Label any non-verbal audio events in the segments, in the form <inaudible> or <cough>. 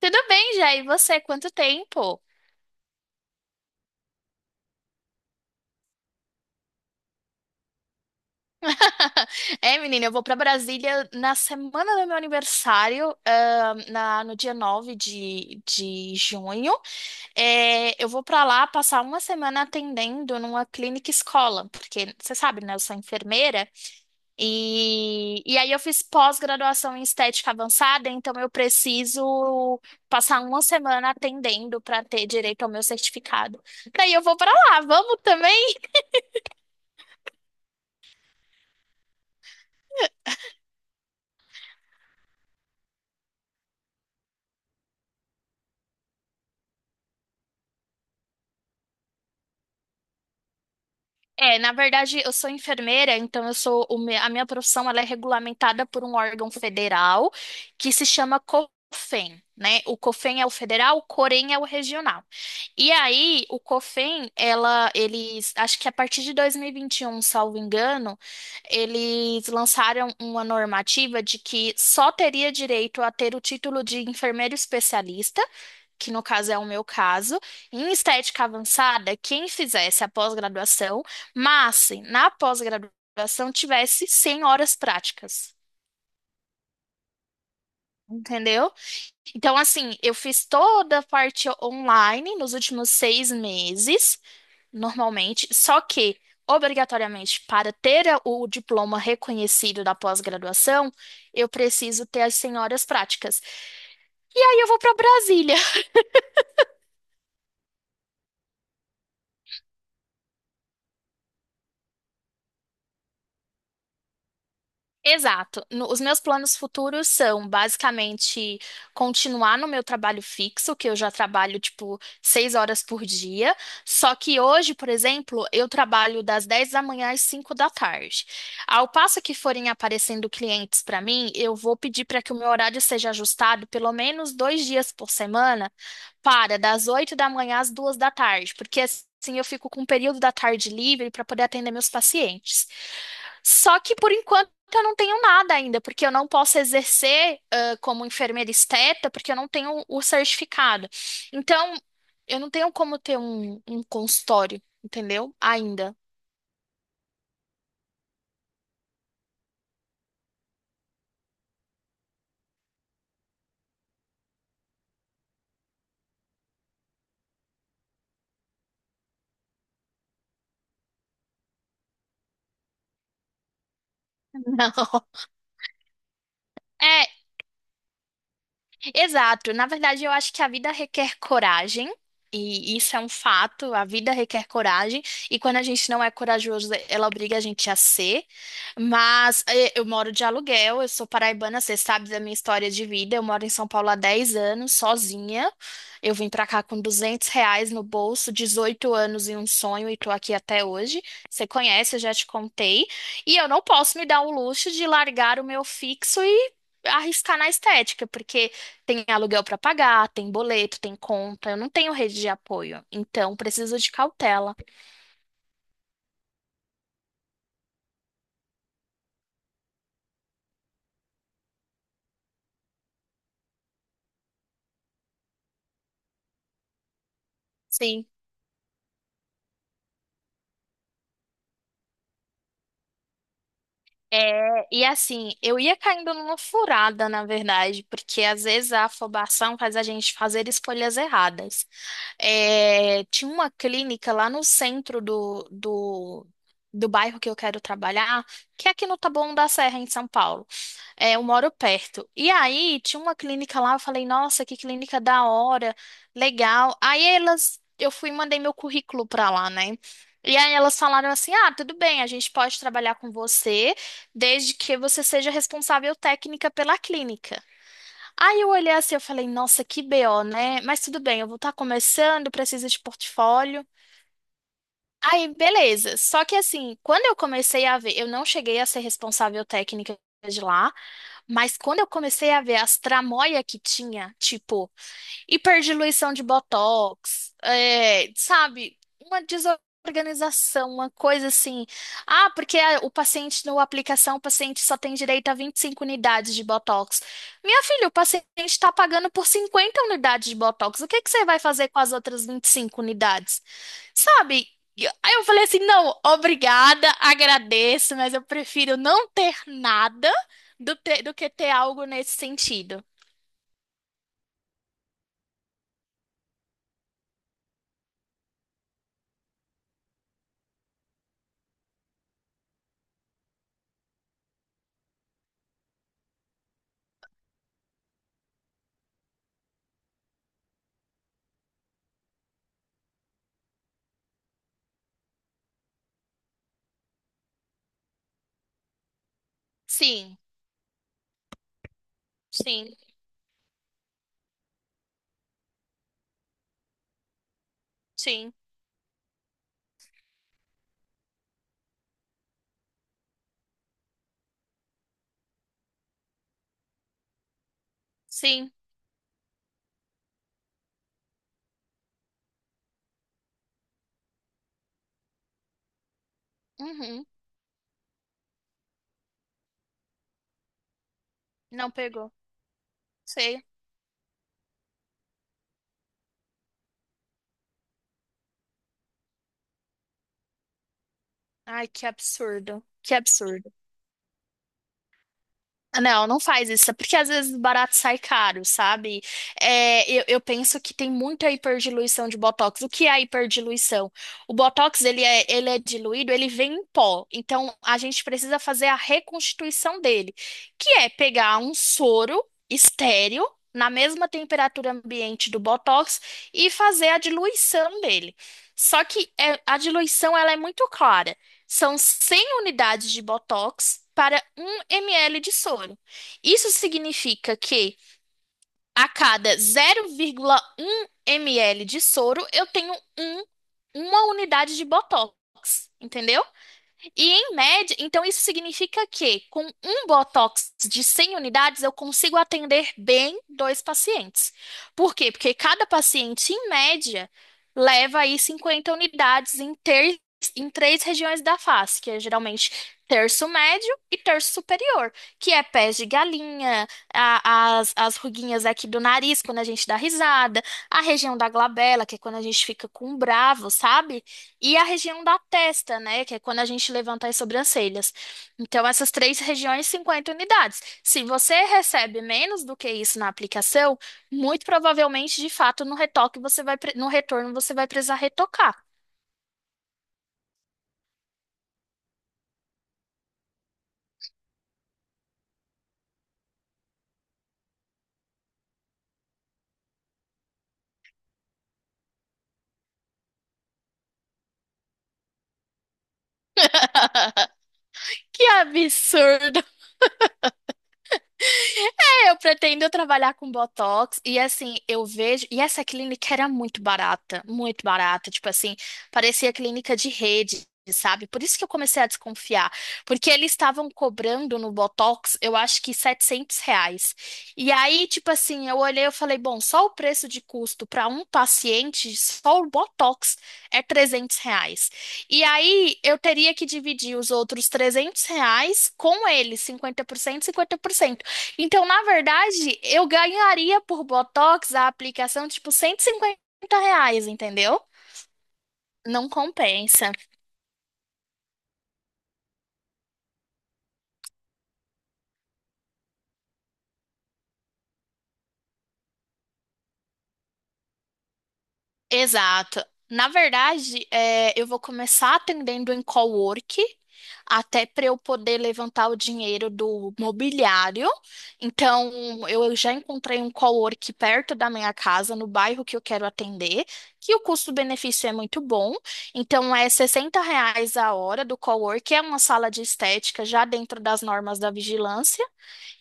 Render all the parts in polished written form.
Tudo bem, Jair? E você? Quanto tempo? <laughs> É, menina, eu vou para Brasília na semana do meu aniversário, no dia 9 de junho. É, eu vou para lá passar uma semana atendendo numa clínica escola, porque você sabe, né? Eu sou enfermeira e aí eu fiz pós-graduação em estética avançada, então eu preciso passar uma semana atendendo para ter direito ao meu certificado. Daí eu vou para lá, vamos também? É, na verdade, eu sou enfermeira, então eu sou o me- a minha profissão ela é regulamentada por um órgão federal que se chama COFEN, né? O COFEN é o federal, o COREN é o regional. E aí, o COFEN, acho que a partir de 2021, salvo engano, eles lançaram uma normativa de que só teria direito a ter o título de enfermeiro especialista, que no caso é o meu caso, em estética avançada, quem fizesse a pós-graduação, mas se na pós-graduação tivesse 100 horas práticas. Entendeu? Então, assim, eu fiz toda a parte online nos últimos seis meses, normalmente, só que, obrigatoriamente, para ter o diploma reconhecido da pós-graduação, eu preciso ter as 100 horas práticas. E aí eu vou para Brasília. Exato. Os meus planos futuros são basicamente continuar no meu trabalho fixo, que eu já trabalho tipo seis horas por dia. Só que hoje, por exemplo, eu trabalho das 10 da manhã às 5 da tarde. Ao passo que forem aparecendo clientes para mim, eu vou pedir para que o meu horário seja ajustado pelo menos dois dias por semana, para, das 8 da manhã às duas da tarde, porque assim eu fico com um período da tarde livre para poder atender meus pacientes. Só que por enquanto eu não tenho nada ainda, porque eu não posso exercer como enfermeira esteta, porque eu não tenho o certificado. Então, eu não tenho como ter um consultório, entendeu? Ainda. <laughs> Não. É, exato. Na verdade, eu acho que a vida requer coragem, e isso é um fato. A vida requer coragem, e quando a gente não é corajoso, ela obriga a gente a ser. Mas eu moro de aluguel, eu sou paraibana, você sabe da minha história de vida. Eu moro em São Paulo há 10 anos, sozinha. Eu vim pra cá com 200 reais no bolso, 18 anos e um sonho, e tô aqui até hoje. Você conhece, eu já te contei. E eu não posso me dar o luxo de largar o meu fixo e arriscar na estética, porque tem aluguel para pagar, tem boleto, tem conta. Eu não tenho rede de apoio, então preciso de cautela. Sim. É, e assim, eu ia caindo numa furada, na verdade, porque às vezes a afobação faz a gente fazer escolhas erradas. É, tinha uma clínica lá no centro do bairro que eu quero trabalhar, que é aqui no Taboão da Serra, em São Paulo. É, eu moro perto. E aí, tinha uma clínica lá, eu falei, nossa, que clínica da hora, legal. Aí elas, eu fui e mandei meu currículo pra lá, né? E aí elas falaram assim, ah, tudo bem, a gente pode trabalhar com você, desde que você seja responsável técnica pela clínica. Aí eu olhei assim, eu falei, nossa, que BO, né? Mas tudo bem, eu vou estar começando, precisa de portfólio. Aí, beleza. Só que assim, quando eu comecei a ver, eu não cheguei a ser responsável técnica de lá, mas quando eu comecei a ver as tramóia que tinha, tipo, hiperdiluição de botox, é, sabe, uma desorganização, uma coisa assim. Ah, porque o paciente, na aplicação, o paciente só tem direito a 25 unidades de botox. Minha filha, o paciente está pagando por 50 unidades de botox. O que que você vai fazer com as outras 25 unidades? Sabe? Aí eu falei assim: não, obrigada, agradeço, mas eu prefiro não ter nada do que ter algo nesse sentido. Sim, sim, sim, sim. Uhum. Não pegou. Sei. Ai, que absurdo. Que absurdo. Não, não faz isso, é porque às vezes barato sai caro, sabe? É, eu penso que tem muita hiperdiluição de botox. O que é a hiperdiluição? O botox, ele é diluído, ele vem em pó. Então, a gente precisa fazer a reconstituição dele, que é pegar um soro estéril na mesma temperatura ambiente do botox e fazer a diluição dele. Só que é, a diluição, ela é muito clara. São 100 unidades de Botox para 1 ml de soro. Isso significa que a cada 0,1 ml de soro eu tenho um, uma unidade de Botox, entendeu? E em média, então isso significa que com um Botox de 100 unidades eu consigo atender bem dois pacientes. Por quê? Porque cada paciente, em média, leva aí 50 unidades em três regiões da face, que é geralmente terço médio e terço superior, que é pés de galinha, as ruguinhas aqui do nariz quando a gente dá risada, a região da glabela, que é quando a gente fica com um bravo, sabe? E a região da testa, né? Que é quando a gente levanta as sobrancelhas. Então, essas três regiões, 50 unidades. Se você recebe menos do que isso na aplicação, muito provavelmente, de fato, no retoque você vai, pre- no retorno você vai precisar retocar. <laughs> Que absurdo! É, eu pretendo trabalhar com Botox e assim, eu vejo. E essa clínica era muito barata, muito barata. Tipo assim, parecia clínica de rede, sabe? Por isso que eu comecei a desconfiar. Porque eles estavam cobrando no Botox, eu acho que 700 reais. E aí, tipo assim, eu olhei e falei: bom, só o preço de custo para um paciente, só o Botox é 300 reais. E aí eu teria que dividir os outros 300 reais com eles, cinquenta por cento, cinquenta por cento, então, na verdade, eu ganharia por Botox a aplicação tipo R$ 150, entendeu? Não compensa. Exato. Na verdade, é, eu vou começar atendendo em cowork, até para eu poder levantar o dinheiro do mobiliário. Então, eu já encontrei um cowork perto da minha casa, no bairro que eu quero atender, que o custo-benefício é muito bom. Então, é 60 reais a hora do cowork, é uma sala de estética já dentro das normas da vigilância.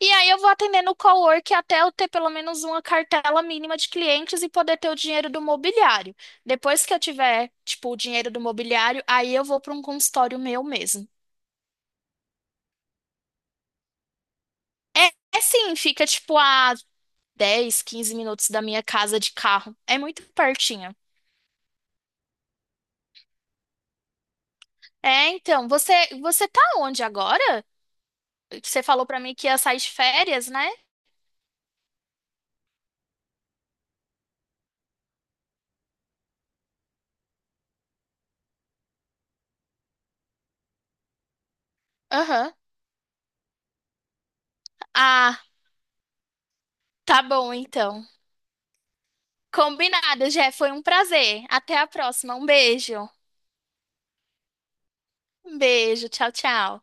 E aí eu vou atendendo o cowork até eu ter pelo menos uma cartela mínima de clientes e poder ter o dinheiro do mobiliário. Depois que eu tiver, tipo, o dinheiro do mobiliário, aí eu vou para um consultório meu mesmo. É, é sim, fica tipo a 10 15 minutos da minha casa de carro. É muito pertinho. É, então, você tá onde agora? Você falou para mim que ia sair de férias, né? Aham. Ah, tá bom então. Combinado, Jé, foi um prazer. Até a próxima. Um beijo. Um beijo, tchau, tchau.